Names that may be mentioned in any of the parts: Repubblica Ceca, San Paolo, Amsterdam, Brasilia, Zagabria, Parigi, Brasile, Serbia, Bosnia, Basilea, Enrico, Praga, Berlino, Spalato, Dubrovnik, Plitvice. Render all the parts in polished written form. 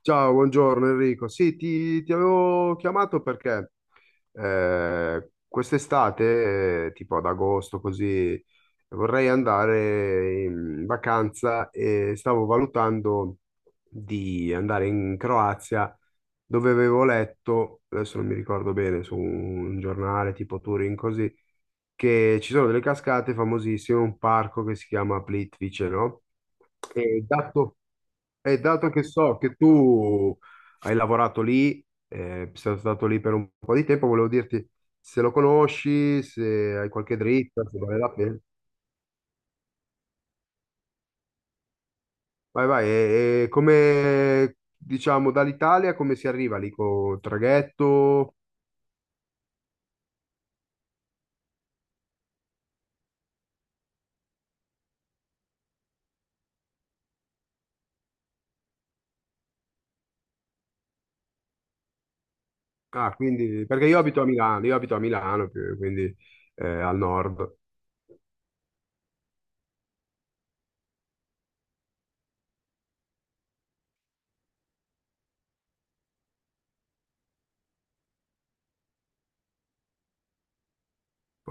Ciao, buongiorno Enrico. Sì, ti avevo chiamato perché quest'estate, tipo ad agosto, così vorrei andare in vacanza e stavo valutando di andare in Croazia, dove avevo letto, adesso non mi ricordo bene, su un giornale tipo Turin, così, che ci sono delle cascate famosissime, un parco che si chiama Plitvice, no? E dato e dato che so che tu hai lavorato lì, sei stato lì per un po' di tempo, volevo dirti se lo conosci, se hai qualche dritta, se vale la pena. Vai, vai, e come diciamo dall'Italia come si arriva lì con traghetto? Ah, quindi perché io abito a Milano, più- quindi al nord.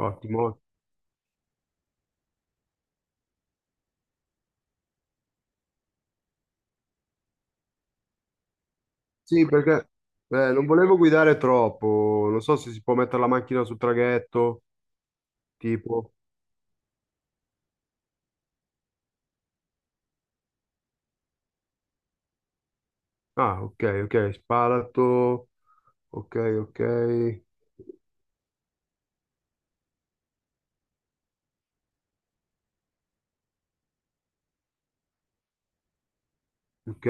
Ottimo. Sì, perché non volevo guidare troppo, non so se si può mettere la macchina sul traghetto, tipo. Ah, ok, ok, Spalato, ok, ok, ok.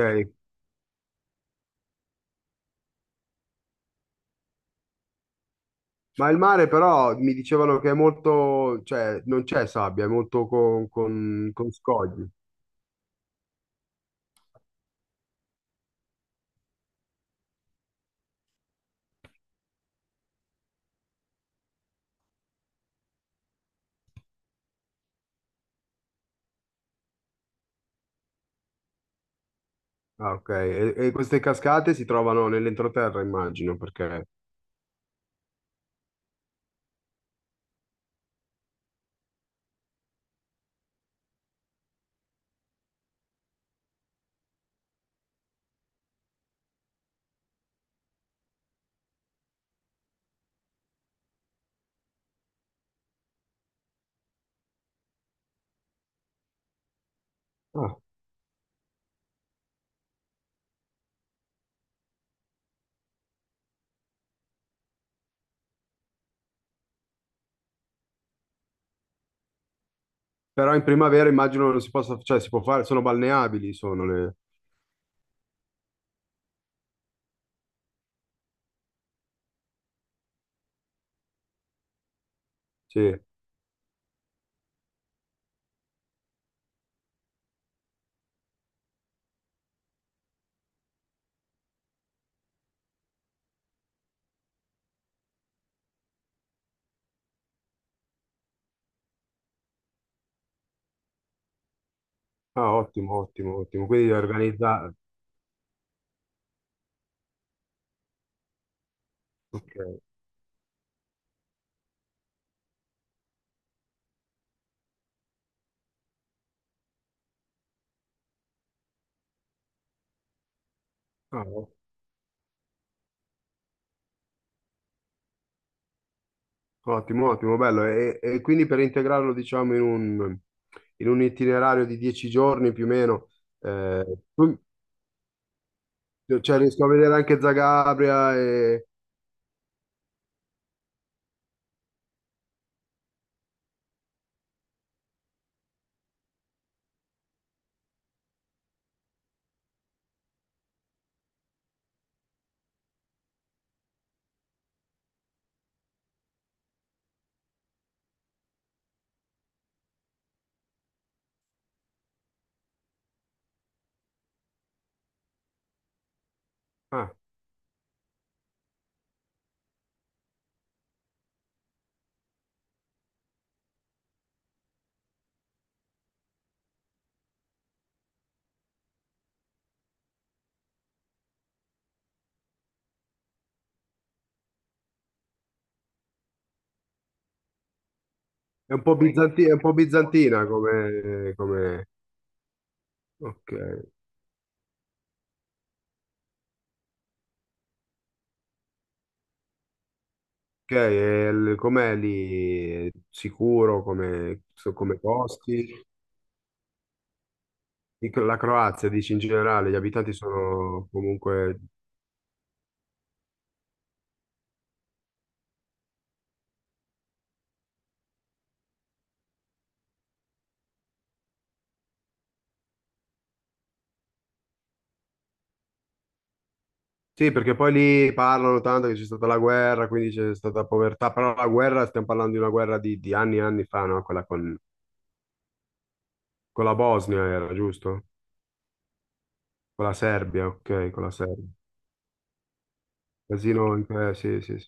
Ma il mare però mi dicevano che è molto, cioè non c'è sabbia, è molto con scogli. Ah, ok. E queste cascate si trovano nell'entroterra, immagino, perché... Ah. Però in primavera immagino non si possa, cioè si può fare, sono balneabili, sono le... Sì. Ah, ottimo, ottimo, ottimo. Quindi organizzare... Ok. Ah, ottimo, ottimo, bello. E quindi per integrarlo, diciamo, in un itinerario di 10 giorni più o meno, eh, tu- cioè riesco a vedere anche Zagabria e... Ah, è un po' bizanti- è un po' bizantina come... come- Ok, ok, e il- com'è lì? È sicuro come, so- come costi? Dico, la Croazia, dici in generale, gli abitanti sono comunque sì, perché poi lì parlano tanto che c'è stata la guerra, quindi c'è stata povertà, però la guerra, stiamo parlando di una guerra di anni e anni fa, no? Quella con la Bosnia era, giusto? Con la Serbia, ok, con la Serbia. Casino, sì, sì, sì.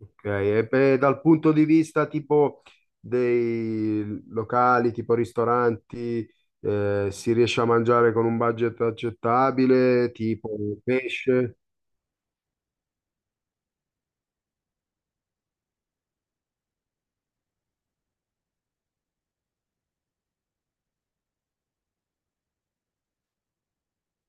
Ok, e beh, dal punto di vista tipo dei locali, tipo ristoranti, si riesce a mangiare con un budget accettabile, tipo pesce?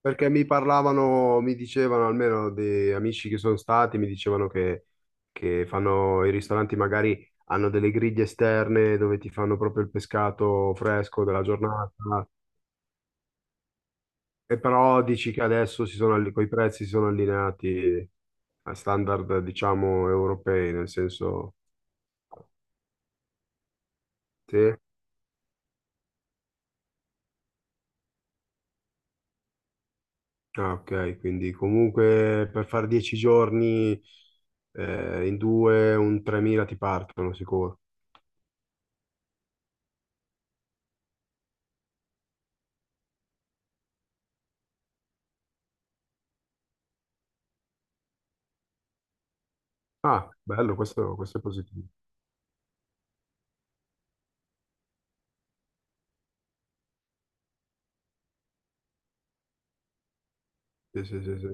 Perché mi parlavano, mi dicevano, almeno di amici che sono stati, mi dicevano che fanno i ristoranti, magari hanno delle griglie esterne dove ti fanno proprio il pescato fresco della giornata, e però dici che adesso si sono, alli- coi prezzi si sono allineati a standard, diciamo, europei, nel senso... Sì? Ah, ok, quindi comunque per fare 10 giorni in due, un 3.000 ti partono sicuro. Ah, bello, questo è positivo. Sì, sì, sì, sì.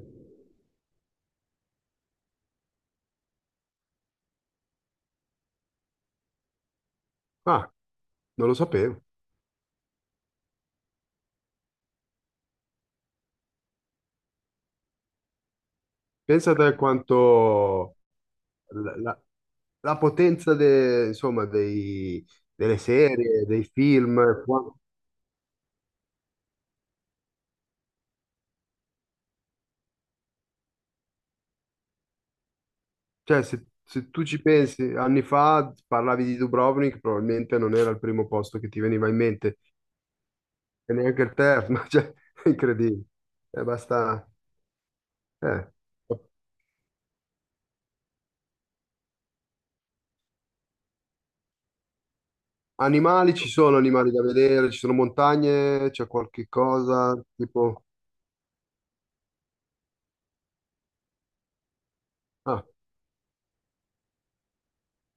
Ah, non lo sapevo. Pensate quanto la, la- la potenza de- insomma, dei- delle serie, dei film. Qua- cioè, se tu ci pensi, anni fa parlavi di Dubrovnik, probabilmente non era il primo posto che ti veniva in mente, e neanche il terzo, cioè, è incredibile. Basta... eh. Animali, ci sono animali da vedere, ci sono montagne, c'è qualche cosa, tipo... Ah,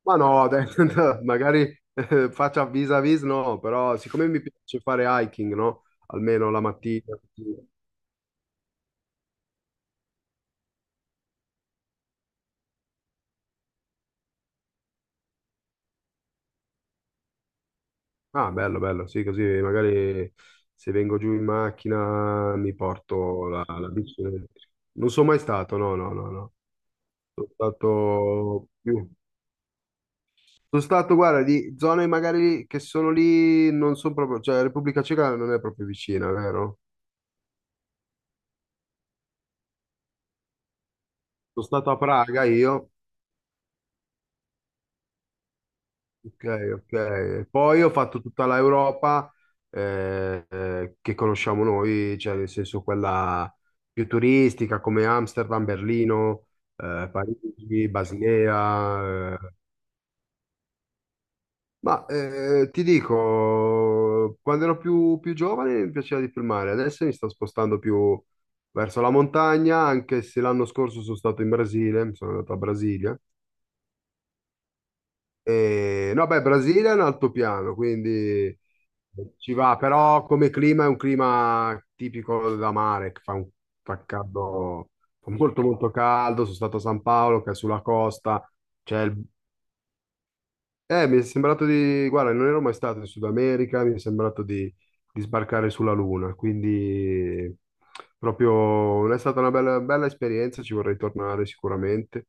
ma no, dai, no, magari faccia vis-à-vis, no, però siccome mi piace fare hiking, no? Almeno la mattina. Così. Ah, bello, bello, sì, così magari se vengo giù in macchina mi porto la bici. Non sono mai stato, no, no, no, no. Sono stato più. Sono stato, guarda, di zone magari che sono lì, non sono proprio, cioè Repubblica Ceca non è proprio vicina, vero? Sono stato a Praga io, ok, ok. Poi ho fatto tutta l'Europa che conosciamo noi, cioè nel senso quella più turistica come Amsterdam, Berlino, Parigi, Basilea. Eh. Ma ti dico, quando ero più giovane mi piaceva di più il mare, adesso mi sto spostando più verso la montagna, anche se l'anno scorso sono stato in Brasile, mi sono andato a Brasilia. E, no, beh, Brasile è un altopiano, quindi ci va, però come clima è un clima tipico da mare, che fa un fa caldo, fa molto molto caldo, sono stato a San Paolo, che è sulla costa, c'è il- mi è sembrato di, guarda, non ero mai stato in Sud America, mi è sembrato di sbarcare sulla Luna, quindi proprio è stata una bella, bella esperienza, ci vorrei tornare sicuramente.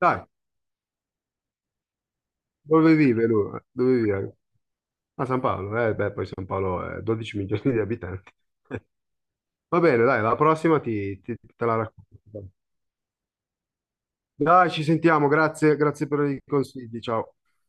Dai, dove vive lui? Dove vive? A San Paolo, beh, poi San Paolo è 12 milioni di abitanti. Va bene, dai, la prossima te la racconto. Dai, ci sentiamo, grazie, grazie per i consigli, ciao.